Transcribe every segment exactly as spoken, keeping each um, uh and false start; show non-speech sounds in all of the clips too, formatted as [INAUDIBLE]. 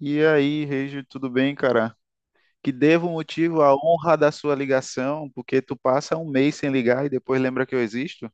E aí, Regi, tudo bem, cara? Que devo motivo à honra da sua ligação, porque tu passa um mês sem ligar e depois lembra que eu existo?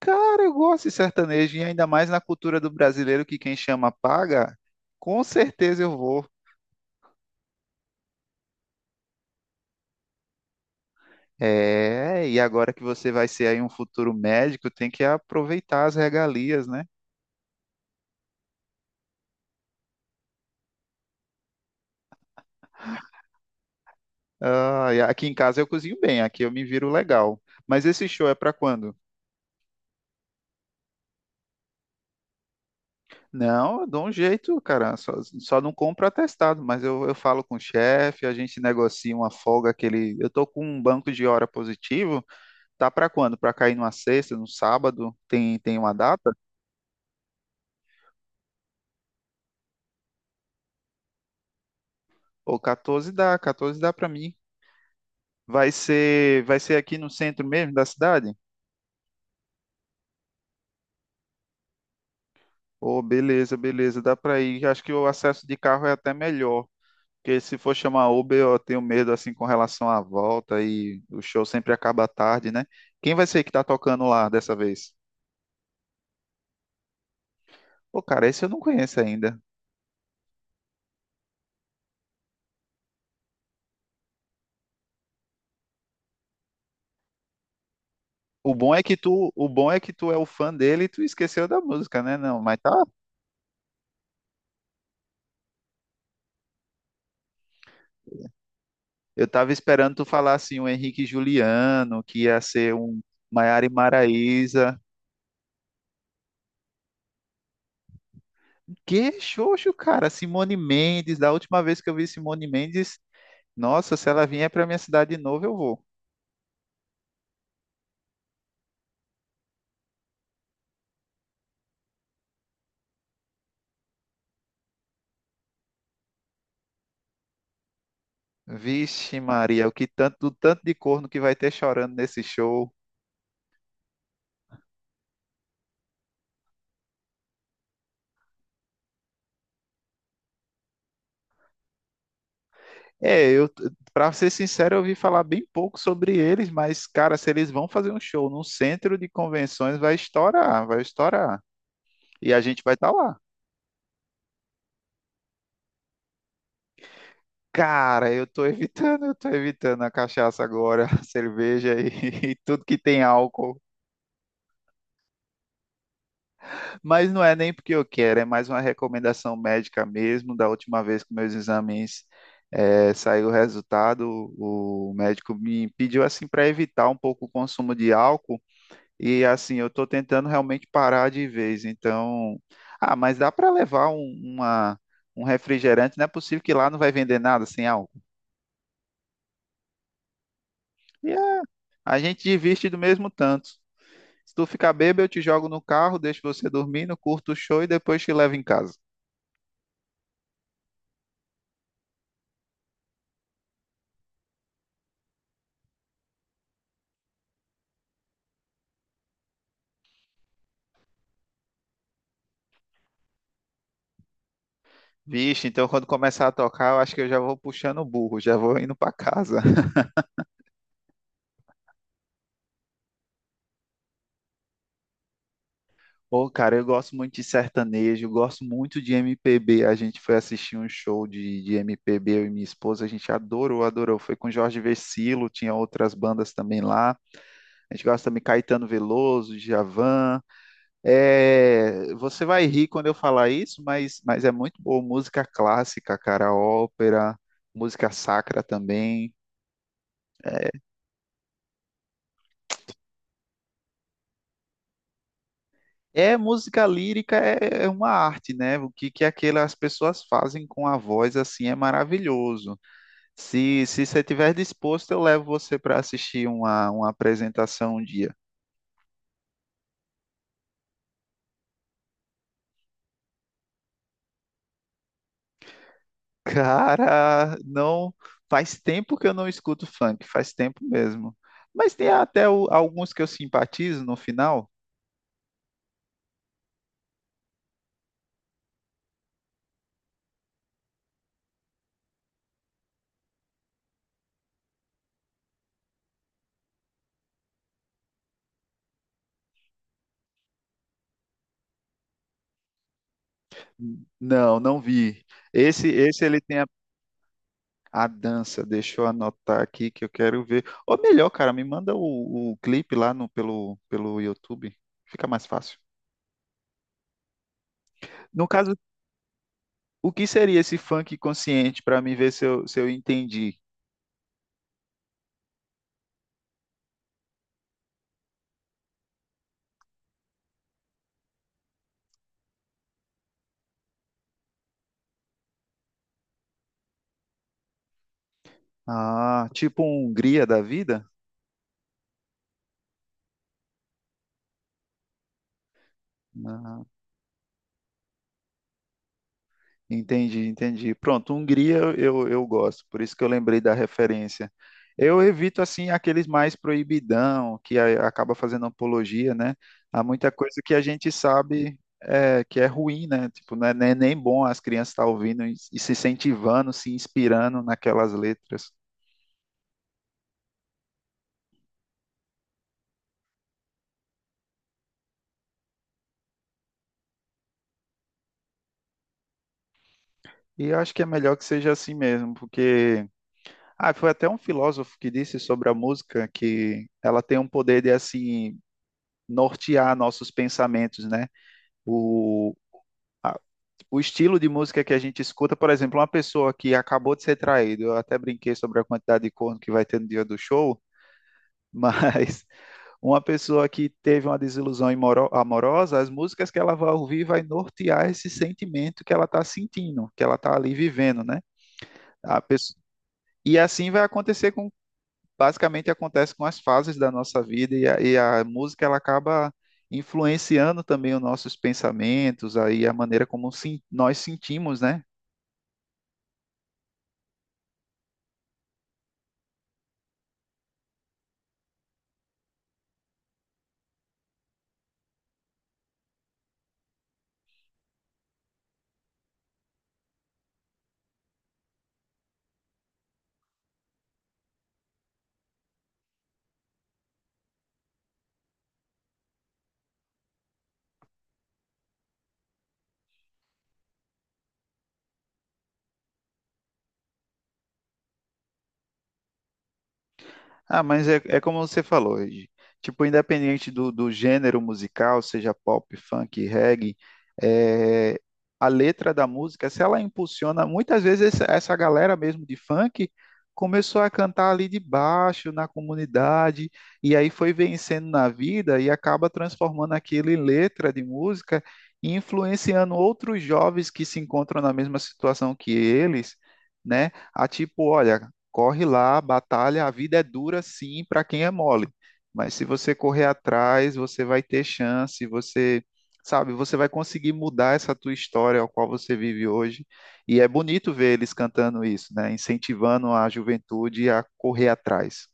Cara, eu gosto de sertanejo e ainda mais na cultura do brasileiro que quem chama paga. Com certeza eu vou. É, e agora que você vai ser aí um futuro médico, tem que aproveitar as regalias, né? Ah, e aqui em casa eu cozinho bem, aqui eu me viro legal. Mas esse show é pra quando? Não, eu dou um jeito, cara. Só, só não compro atestado, mas eu, eu falo com o chefe, a gente negocia uma folga que ele. Eu tô com um banco de hora positivo. Tá pra quando? Pra cair numa sexta, no sábado? Tem, tem uma data? Ou catorze dá, catorze dá pra mim. Vai ser, vai ser aqui no centro mesmo da cidade? Oh beleza, beleza, dá pra ir. Acho que o acesso de carro é até melhor. Porque se for chamar Uber, eu tenho medo assim com relação à volta e o show sempre acaba tarde, né? Quem vai ser que tá tocando lá dessa vez? Pô, cara, esse eu não conheço ainda. O bom é que tu, o bom é que tu é o fã dele e tu esqueceu da música, né? Não, mas tá. Eu tava esperando tu falar assim o Henrique Juliano, que ia ser um Maiara e Maraíza. Que xoxo, cara, Simone Mendes, da última vez que eu vi Simone Mendes, nossa, se ela vier pra minha cidade de novo, eu vou. Vixe, Maria, o que tanto, o tanto de corno que vai ter chorando nesse show. É, eu, para ser sincero, eu ouvi falar bem pouco sobre eles, mas, cara, se eles vão fazer um show num centro de convenções, vai estourar, vai estourar. E a gente vai estar lá. Cara, eu tô evitando, eu tô evitando a cachaça agora, [LAUGHS] a cerveja e, [LAUGHS] e tudo que tem álcool. Mas não é nem porque eu quero, é mais uma recomendação médica mesmo. Da última vez que meus exames eh, saiu o resultado, o médico me pediu assim para evitar um pouco o consumo de álcool e assim eu estou tentando realmente parar de vez. Então, ah, mas dá para levar um, uma- um refrigerante? Não é possível que lá não vai vender nada sem álcool. E é, a gente divide do mesmo tanto. Se tu ficar bêbado, eu te jogo no carro, deixo você dormindo, curto o show e depois te levo em casa. Vixe, então quando começar a tocar, eu acho que eu já vou puxando o burro, já vou indo pra casa. [LAUGHS] Pô, cara, eu gosto muito de sertanejo, gosto muito de M P B. A gente foi assistir um show de, de M P B, eu e minha esposa, a gente adorou, adorou. Foi com Jorge Vercillo, tinha outras bandas também lá. A gente gosta também de Caetano Veloso, Djavan. É, você vai rir quando eu falar isso, mas, mas é muito boa música clássica, cara, ópera, música sacra também. É, música lírica é, é uma arte, né? O que, que aquelas pessoas fazem com a voz, assim, é maravilhoso. Se, se você estiver disposto, eu levo você para assistir uma, uma apresentação um dia. [LAUGHS] Cara, não faz tempo que eu não escuto funk, faz tempo mesmo. Mas tem até o- alguns que eu simpatizo no final. Não, não vi. Esse, esse ele tem a dança, deixa eu anotar aqui que eu quero ver. Ou melhor, cara, me manda o, o clipe lá no, pelo, pelo YouTube. Fica mais fácil. No caso, o que seria esse funk consciente para mim ver se eu, se eu entendi? Ah, tipo um Hungria da vida? Ah. Entendi, entendi. Pronto, Hungria eu, eu gosto, por isso que eu lembrei da referência. Eu evito, assim, aqueles mais proibidão, que a- acaba fazendo apologia, né? Há muita coisa que a gente sabe é, que é ruim, né? Tipo, não é nem nem bom as crianças estar ouvindo e, e se incentivando, se inspirando naquelas letras. E eu acho que é melhor que seja assim mesmo, porque... Ah, foi até um filósofo que disse sobre a música que ela tem um poder de, assim, nortear nossos pensamentos, né? o, o estilo de música que a gente escuta, por exemplo, uma pessoa que acabou de ser traído, eu até brinquei sobre a quantidade de corno que vai ter no dia do show, mas [LAUGHS] uma pessoa que teve uma desilusão imoro- amorosa, as músicas que ela vai ouvir vai nortear esse sentimento que ela está sentindo, que ela está ali vivendo, né? A pesso- E assim vai acontecer com, basicamente acontece com as fases da nossa vida e a, e a música ela acaba influenciando também os nossos pensamentos, aí a maneira como sim- nós sentimos, né? Ah, mas é, é como você falou, Ed. Tipo, independente do, do gênero musical, seja pop, funk, reggae, é, a letra da música, se ela impulsiona, muitas vezes essa, essa galera mesmo de funk começou a cantar ali de baixo, na comunidade, e aí foi vencendo na vida e acaba transformando aquilo em letra de música e influenciando outros jovens que se encontram na mesma situação que eles, né? A tipo, olha. Corre lá, batalha. A vida é dura, sim, para quem é mole. Mas se você correr atrás, você vai ter chance, você, sabe, você vai conseguir mudar essa tua história ao qual você vive hoje. E é bonito ver eles cantando isso, né? Incentivando a juventude a correr atrás.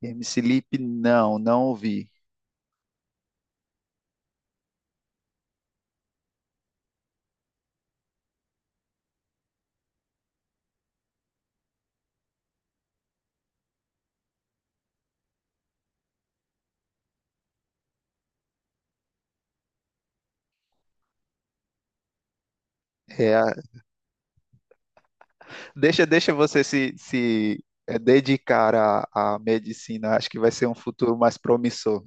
M C Lipe, não, não ouvi. É, a- deixa, deixa você se, se é, dedicar à, à medicina, acho que vai ser um futuro mais promissor.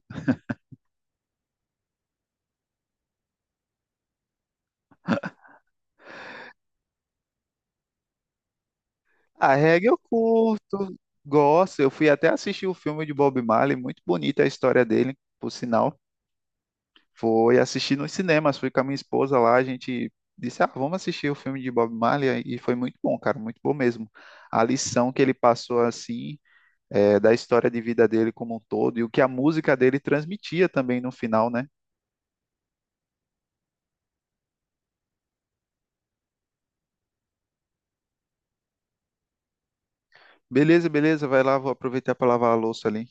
A reggae eu curto, gosto. Eu fui até assistir o filme de Bob Marley, muito bonita a história dele, por sinal. Foi assistir nos cinemas, fui com a minha esposa lá, a gente disse, ah, vamos assistir o filme de Bob Marley, e foi muito bom, cara, muito bom mesmo. A lição que ele passou, assim, é, da história de vida dele como um todo, e o que a música dele transmitia também no final, né? Beleza, beleza, vai lá, vou aproveitar para lavar a louça ali.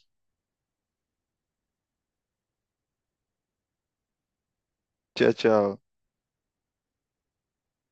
Tchau, tchau.